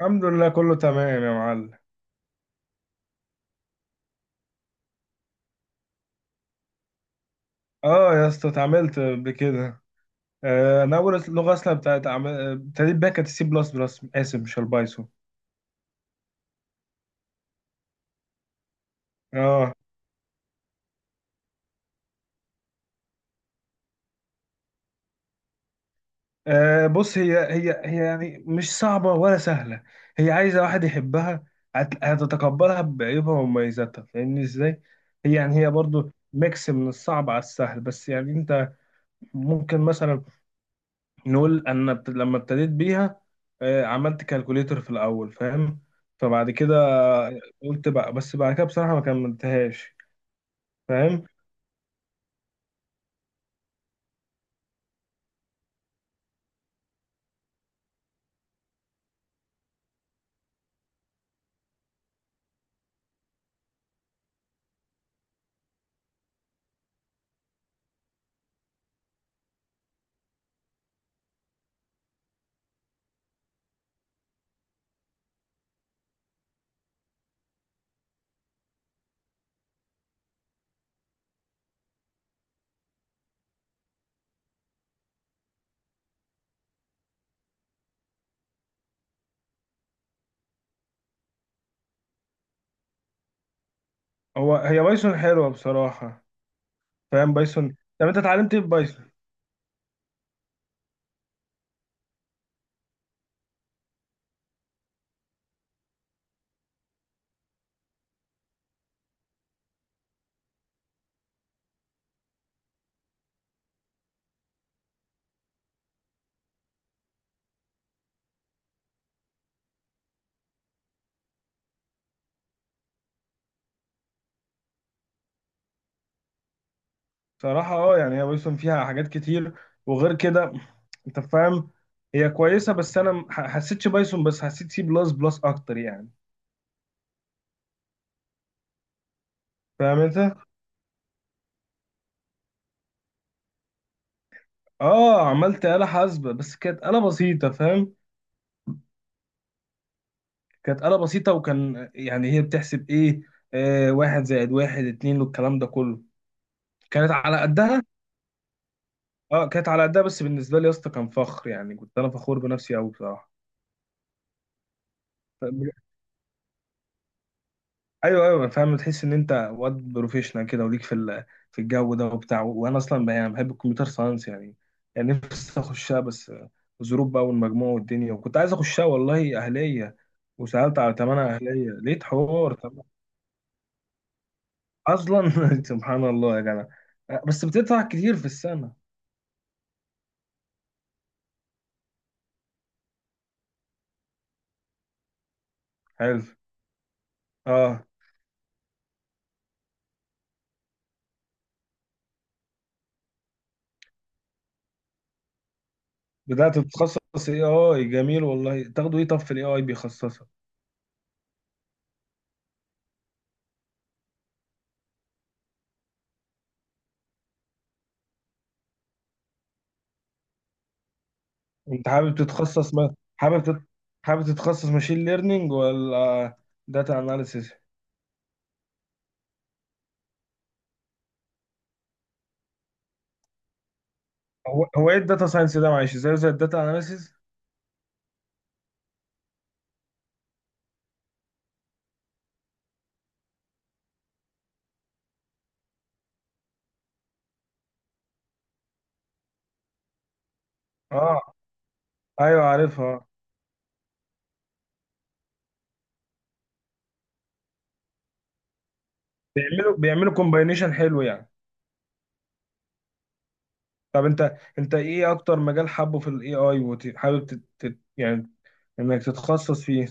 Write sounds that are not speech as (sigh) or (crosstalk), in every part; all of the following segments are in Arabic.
الحمد لله كله تمام يا معلم. اه، يا اسطى اتعاملت بكده. انا اول لغه اصلا بتاعت ابتديت بيها كانت السي بلس بلس، اسف مش البايثون. اه. بص، هي يعني مش صعبه ولا سهله. هي عايزه واحد يحبها، هتتقبلها بعيوبها ومميزاتها، فاهمني ازاي؟ هي يعني هي برضو ميكس من الصعب على السهل، بس يعني انت ممكن مثلا نقول، انا لما ابتديت بيها عملت كالكوليتر في الاول، فاهم؟ فبعد كده قلت بقى، بس بعد كده بصراحه ما كملتهاش. فاهم. هو هي بايثون حلوه بصراحه. فاهم بايثون؟ طب انت اتعلمت ايه في بايثون؟ بصراحه، يعني هي بايثون فيها حاجات كتير، وغير كده انت فاهم، هي كويسه، بس انا ما حسيتش بايثون، بس حسيت سي بلس بلس اكتر يعني. فاهم انت؟ اه، عملت آلة حاسبة بس كانت آلة بسيطة، فاهم؟ كانت آلة بسيطة، وكان يعني هي بتحسب ايه؟ واحد زائد واحد اتنين والكلام ده كله، كانت على قدها. اه، كانت على قدها، بس بالنسبة لي يا اسطى كان فخر، يعني كنت انا فخور بنفسي قوي بصراحة. ف- ايوه ايوه، فاهم، تحس ان انت واد بروفيشنال كده، وليك في في الجو ده وبتاع، وانا اصلا بقى يعني بحب الكمبيوتر ساينس يعني، يعني نفسي اخشها، بس الظروف بقى والمجموع والدنيا، وكنت عايز اخشها والله اهلية، وسألت على تمنها اهلية لقيت حوار. اصلا (laughs) سبحان الله يا جدع. بس بتدفع كتير في السنه. حلو. اه. بدات تتخصص اي اي، جميل والله، تاخده ايه؟ طب في الاي اي بيخصصك انت، حابب تتخصص، ما حابب تت... حابب تتخصص ماشين ليرنينج ولا داتا اناليسيس؟ هو ايه الداتا ساينس ده معلش، زي الداتا اناليسيس؟ اه ايوه عارفها. بيعملوا كومباينيشن حلو يعني. طب انت، ايه اكتر مجال حابه في الاي اي، وحابب يعني انك تتخصص فيه؟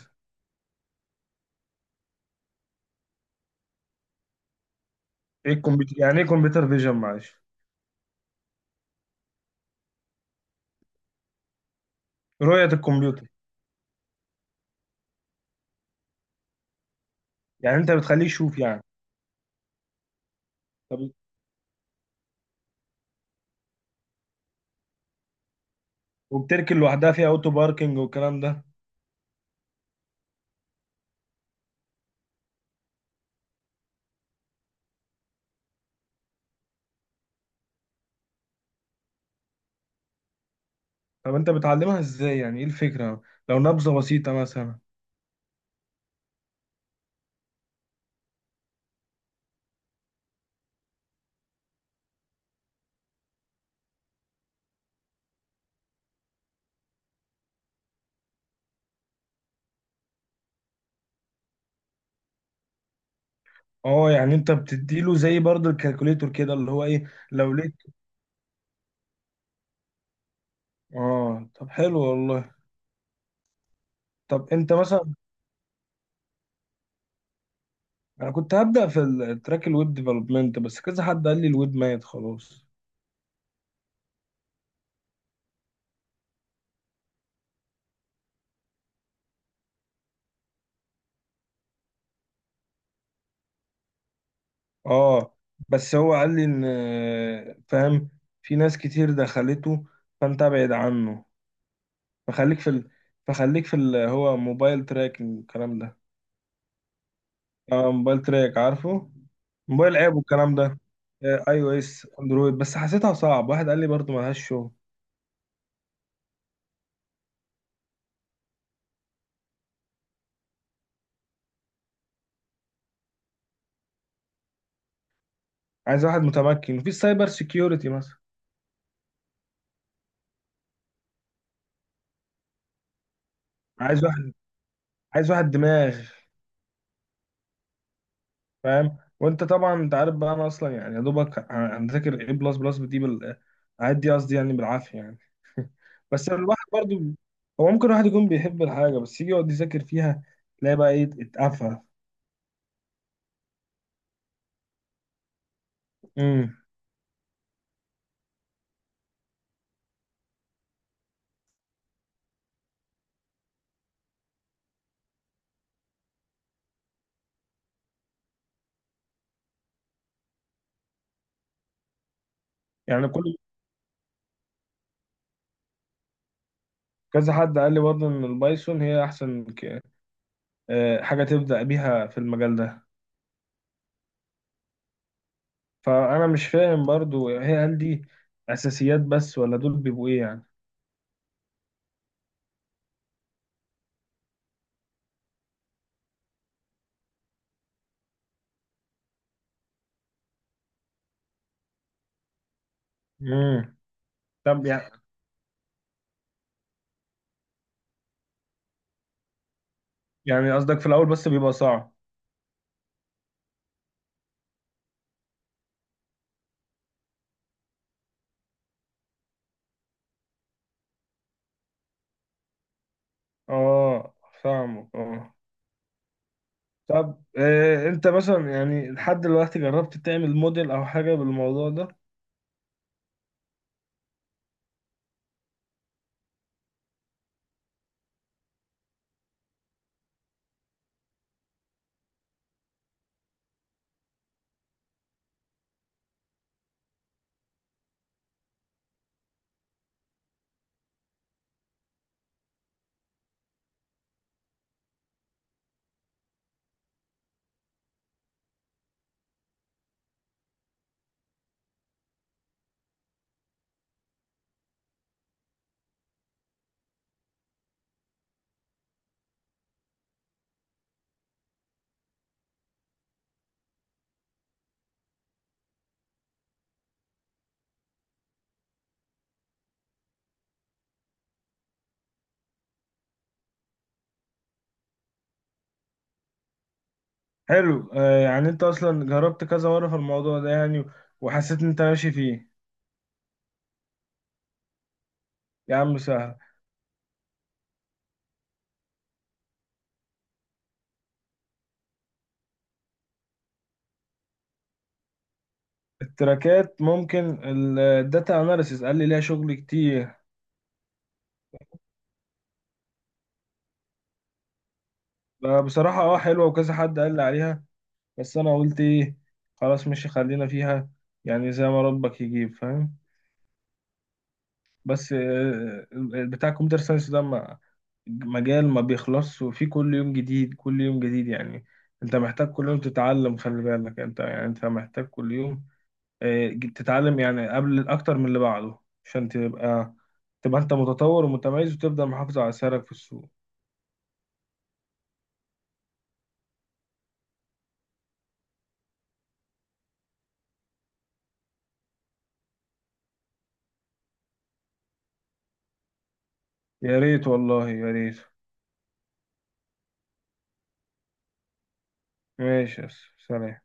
ايه الكمبيوتر يعني؟ ايه كمبيوتر فيجن معلش؟ رؤية الكمبيوتر، يعني انت بتخليه يشوف يعني. طب، وبتركن لوحدها فيها اوتو باركنج والكلام ده؟ طب انت بتعلمها ازاي؟ يعني ايه الفكرة، لو نبذة بسيطة مثلا؟ اه يعني انت بتديله زي برضه الكالكوليتور كده، اللي هو ايه، لو لقيت، اه. طب حلو والله. طب انت مثلا، انا كنت هبدأ في التراك الويب ديفلوبمنت، بس كذا حد قال لي الويب ميت خلاص. اه، بس هو قال لي ان فاهم، في ناس كتير دخلته، فانت ابعد عنه، فخليك في ال... فخليك في اللي هو موبايل تراكنج والكلام ده. اه موبايل تراك، عارفه؟ موبايل اب والكلام ده، اي او اس اندرويد، بس حسيتها صعب، واحد قال لي برضه ملهاش شغل. عايز واحد متمكن، وفي السايبر سيكيورتي مثلا، عايز واحد عايز واحد دماغ، فاهم؟ وانت طبعا انت عارف بقى، انا اصلا يعني يا دوبك انا ذاكر ايه بلس بلس دي بال عاد دي قصدي يعني بالعافيه يعني (laughs) بس الواحد برضه، هو ممكن الواحد يكون بيحب الحاجه، بس يجي يقعد يذاكر فيها تلاقي بقى ايه، اتقفل. يعني كل كذا حد قال لي برضه ان البايثون هي احسن ك... آه، حاجه تبدا بيها في المجال ده، فانا مش فاهم برضه هي، هل دي اساسيات بس ولا دول بيبقوا ايه يعني؟ امم. طب يعني قصدك في الاول بس بيبقى صعب؟ اه، فاهمك، اه. طب، انت مثلا يعني لحد دلوقتي جربت تعمل موديل او حاجه بالموضوع ده؟ حلو، يعني انت اصلا جربت كذا مره في الموضوع ده يعني، وحسيت ان انت ماشي فيه، يا عم سهل. التراكات ممكن، الداتا اناليسيس قال لي ليها شغل كتير. بصراحة، حلوة، وكذا حد قال لي عليها، بس انا قلت ايه، خلاص، مش خلينا فيها، يعني زي ما ربك يجيب، فاهم. بس بتاع الكمبيوتر ساينس ده مجال ما بيخلصش، وفيه كل يوم جديد، كل يوم جديد يعني. انت محتاج كل يوم تتعلم، خلي بالك انت، يعني انت محتاج كل يوم تتعلم، يعني قبل اكتر من اللي بعده، عشان تبقى انت متطور ومتميز، وتفضل محافظ على سعرك في السوق. يا ريت والله، يا ريت. ماشي يا أسطى. سلام.